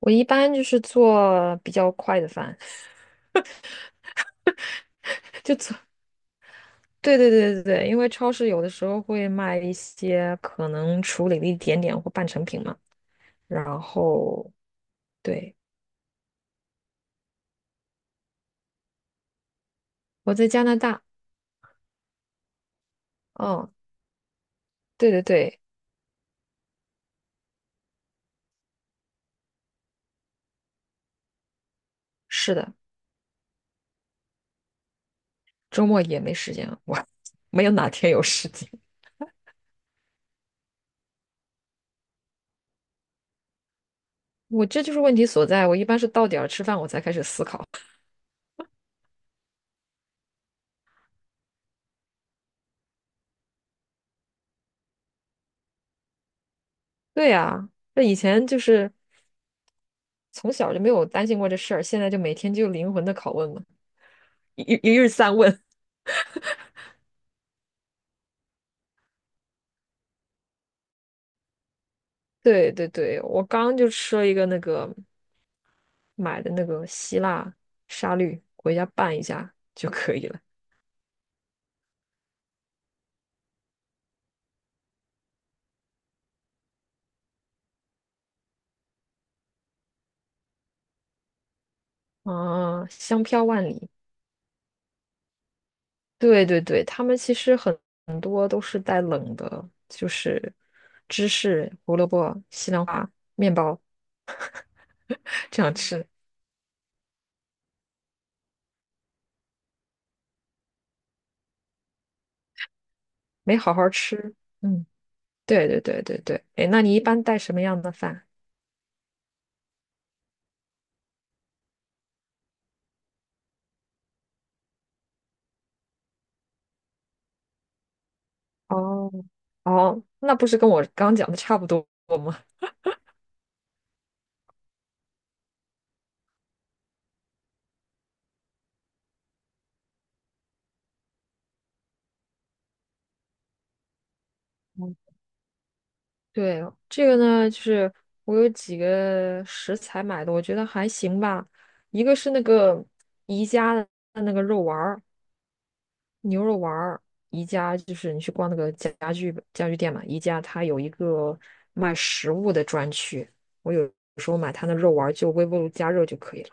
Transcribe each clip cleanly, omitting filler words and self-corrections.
我一般就是做比较快的饭，就做对对对对对，因为超市有的时候会卖一些可能处理了一点点或半成品嘛。然后，对，我在加拿大，嗯，对对对，是的，周末也没时间，没有哪天有时间，我这就是问题所在。我一般是到点儿吃饭，我才开始思考。对呀，那以前就是从小就没有担心过这事儿，现在就每天就灵魂的拷问嘛，一日三问。对对对，我刚刚就吃了一个那个买的那个希腊沙律，回家拌一下就可以了。啊，香飘万里。对对对，他们其实很多都是带冷的，就是芝士、胡萝卜、西兰花、面包 这样吃，没好好吃。嗯，对对对对对。哎，那你一般带什么样的饭？哦哦，那不是跟我刚讲的差不多吗？对，这个呢，就是我有几个食材买的，我觉得还行吧。一个是那个宜家的那个肉丸儿，牛肉丸儿。宜家就是你去逛那个家具店嘛，宜家它有一个卖食物的专区，我有时候买它的肉丸儿，就微波炉加热就可以了，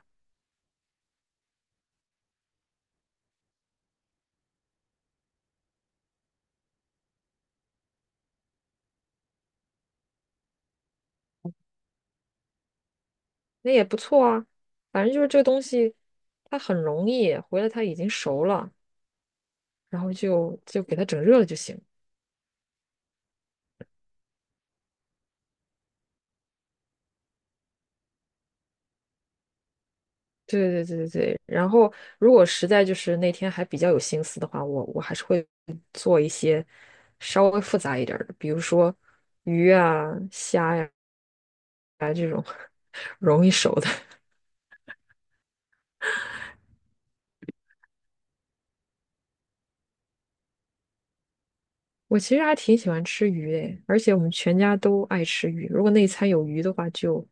那也不错啊。反正就是这个东西，它很容易，回来它已经熟了，然后就给它整热了就行。对对对对对，然后如果实在就是那天还比较有心思的话，我还是会做一些稍微复杂一点儿的，比如说鱼啊、虾呀，容易熟的。我其实还挺喜欢吃鱼诶，而且我们全家都爱吃鱼，如果那一餐有鱼的话，就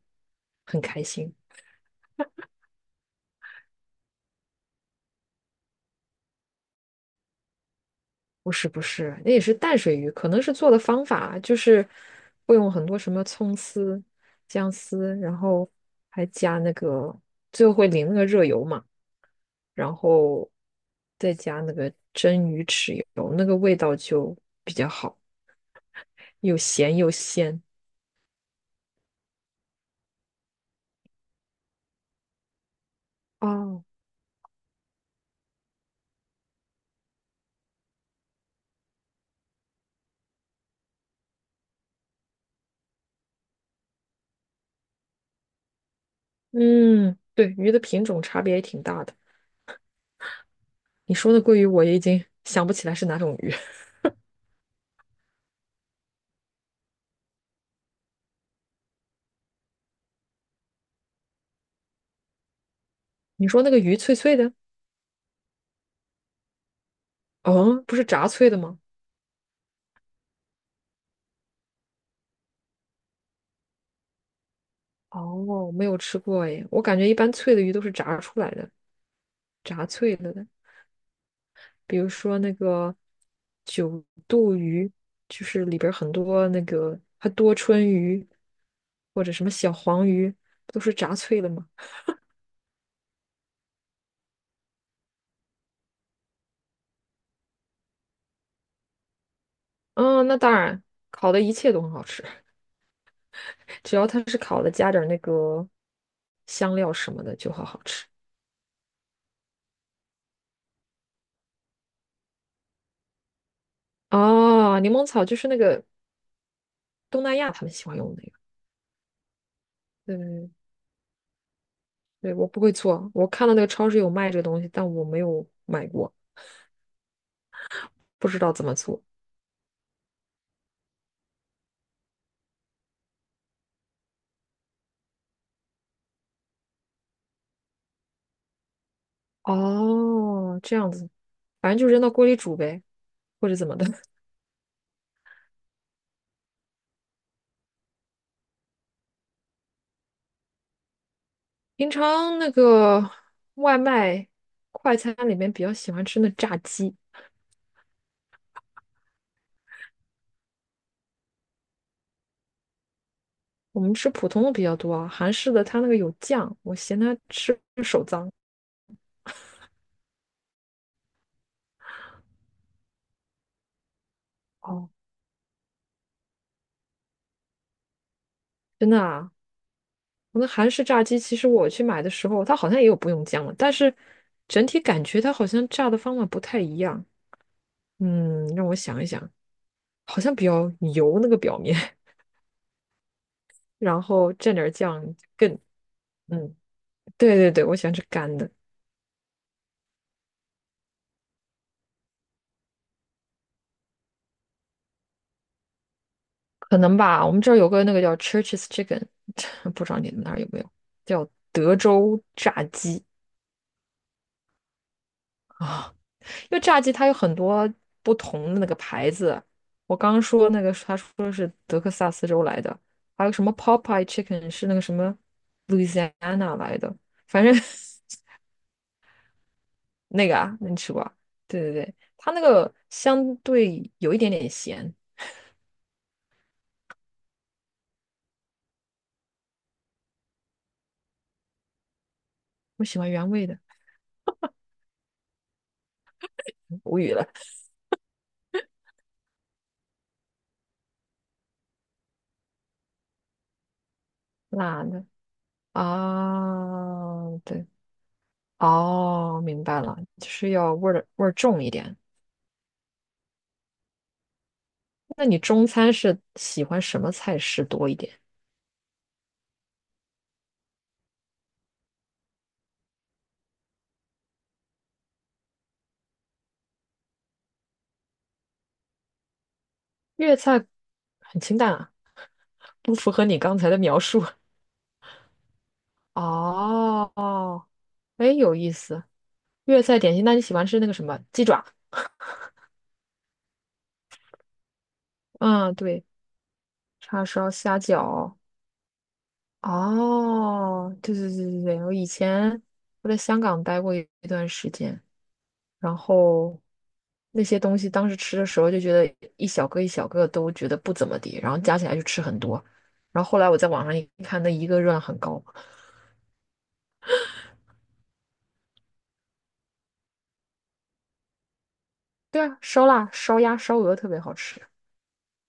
很开心。不是不是，那也是淡水鱼，可能是做的方法就是会用很多什么葱丝、姜丝，然后还加那个，最后会淋那个热油嘛，然后再加那个蒸鱼豉油，那个味道就比较好，又咸又鲜。哦，嗯，对，鱼的品种差别也挺大的。你说那鲑鱼，我也已经想不起来是哪种鱼。你说那个鱼脆脆的，哦，不是炸脆的吗？哦，没有吃过诶，我感觉一般脆的鱼都是炸出来的，炸脆了的。比如说那个九肚鱼，就是里边儿很多那个还多春鱼，或者什么小黄鱼，不都是炸脆的嘛。嗯，那当然，烤的一切都很好吃，只要它是烤的，加点儿那个香料什么的就好好吃。哦，柠檬草就是那个东南亚他们喜欢用的那个，对，对，我不会做，我看到那个超市有卖这个东西，但我没有买过，不知道怎么做。哦，这样子，反正就扔到锅里煮呗，或者怎么的。平常那个外卖快餐里面比较喜欢吃那炸鸡，我们吃普通的比较多啊，韩式的它那个有酱，我嫌它吃手脏。哦，真的啊，我那韩式炸鸡，其实我去买的时候，它好像也有不用酱的，但是整体感觉它好像炸的方法不太一样。嗯，让我想一想。好像比较油那个表面，然后蘸点儿酱更，嗯，对对对，我喜欢吃干的，可能吧。我们这儿有个那个叫 Church's Chicken,不知道你们那儿有没有，叫德州炸鸡啊。因为炸鸡它有很多不同的那个牌子，我刚刚说那个他说是德克萨斯州来的，还有什么 Popeye Chicken 是那个什么 Louisiana 来的，反正 那个啊，那你吃过啊对对对，它那个相对有一点点咸，我喜欢原味的，无语了，辣的啊，对，哦，明白了，就是要味儿重一点。那你中餐是喜欢什么菜式多一点？粤菜很清淡啊，不符合你刚才的描述。哦，哦，哎，有意思。粤菜点心，那你喜欢吃那个什么鸡爪？嗯，对，叉烧、虾饺，哦，对对对对对，我以前我在香港待过一段时间，然后那些东西当时吃的时候就觉得一小个一小个都觉得不怎么地，然后加起来就吃很多，然后后来我在网上一看，那一个热量很高。对啊，烧腊、烧鸭、烧鹅特别好吃，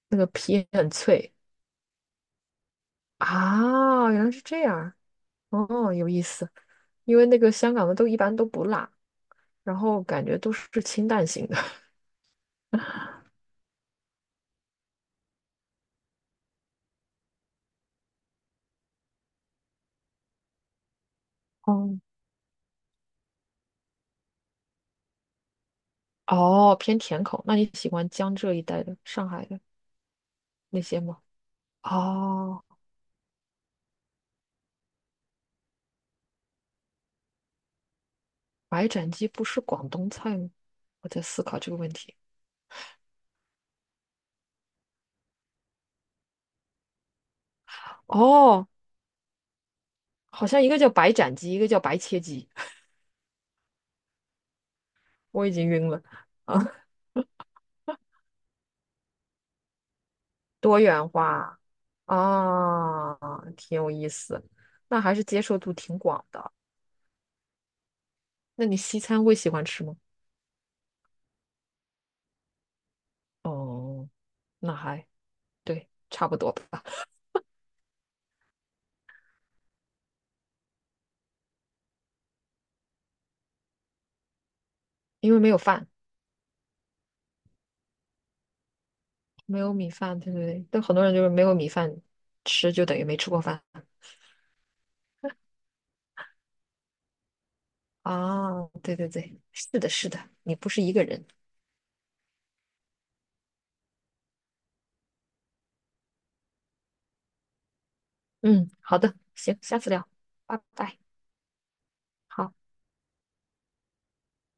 那个皮很脆啊，原来是这样，哦，有意思，因为那个香港的都一般都不辣，然后感觉都是清淡型的。哦哦，偏甜口。那你喜欢江浙一带的、上海的那些吗？哦，白斩鸡不是广东菜吗？我在思考这个问题。哦，好像一个叫白斩鸡，一个叫白切鸡，我已经晕了。啊，多元化啊，挺有意思。那还是接受度挺广的。那你西餐会喜欢吃吗？哦，那还对，差不多吧。因为没有饭，没有米饭，对不对？但很多人就是没有米饭吃，就等于没吃过饭。哦，对对对，是的，是的，你不是一个人。嗯，好的，行，下次聊，拜拜。好。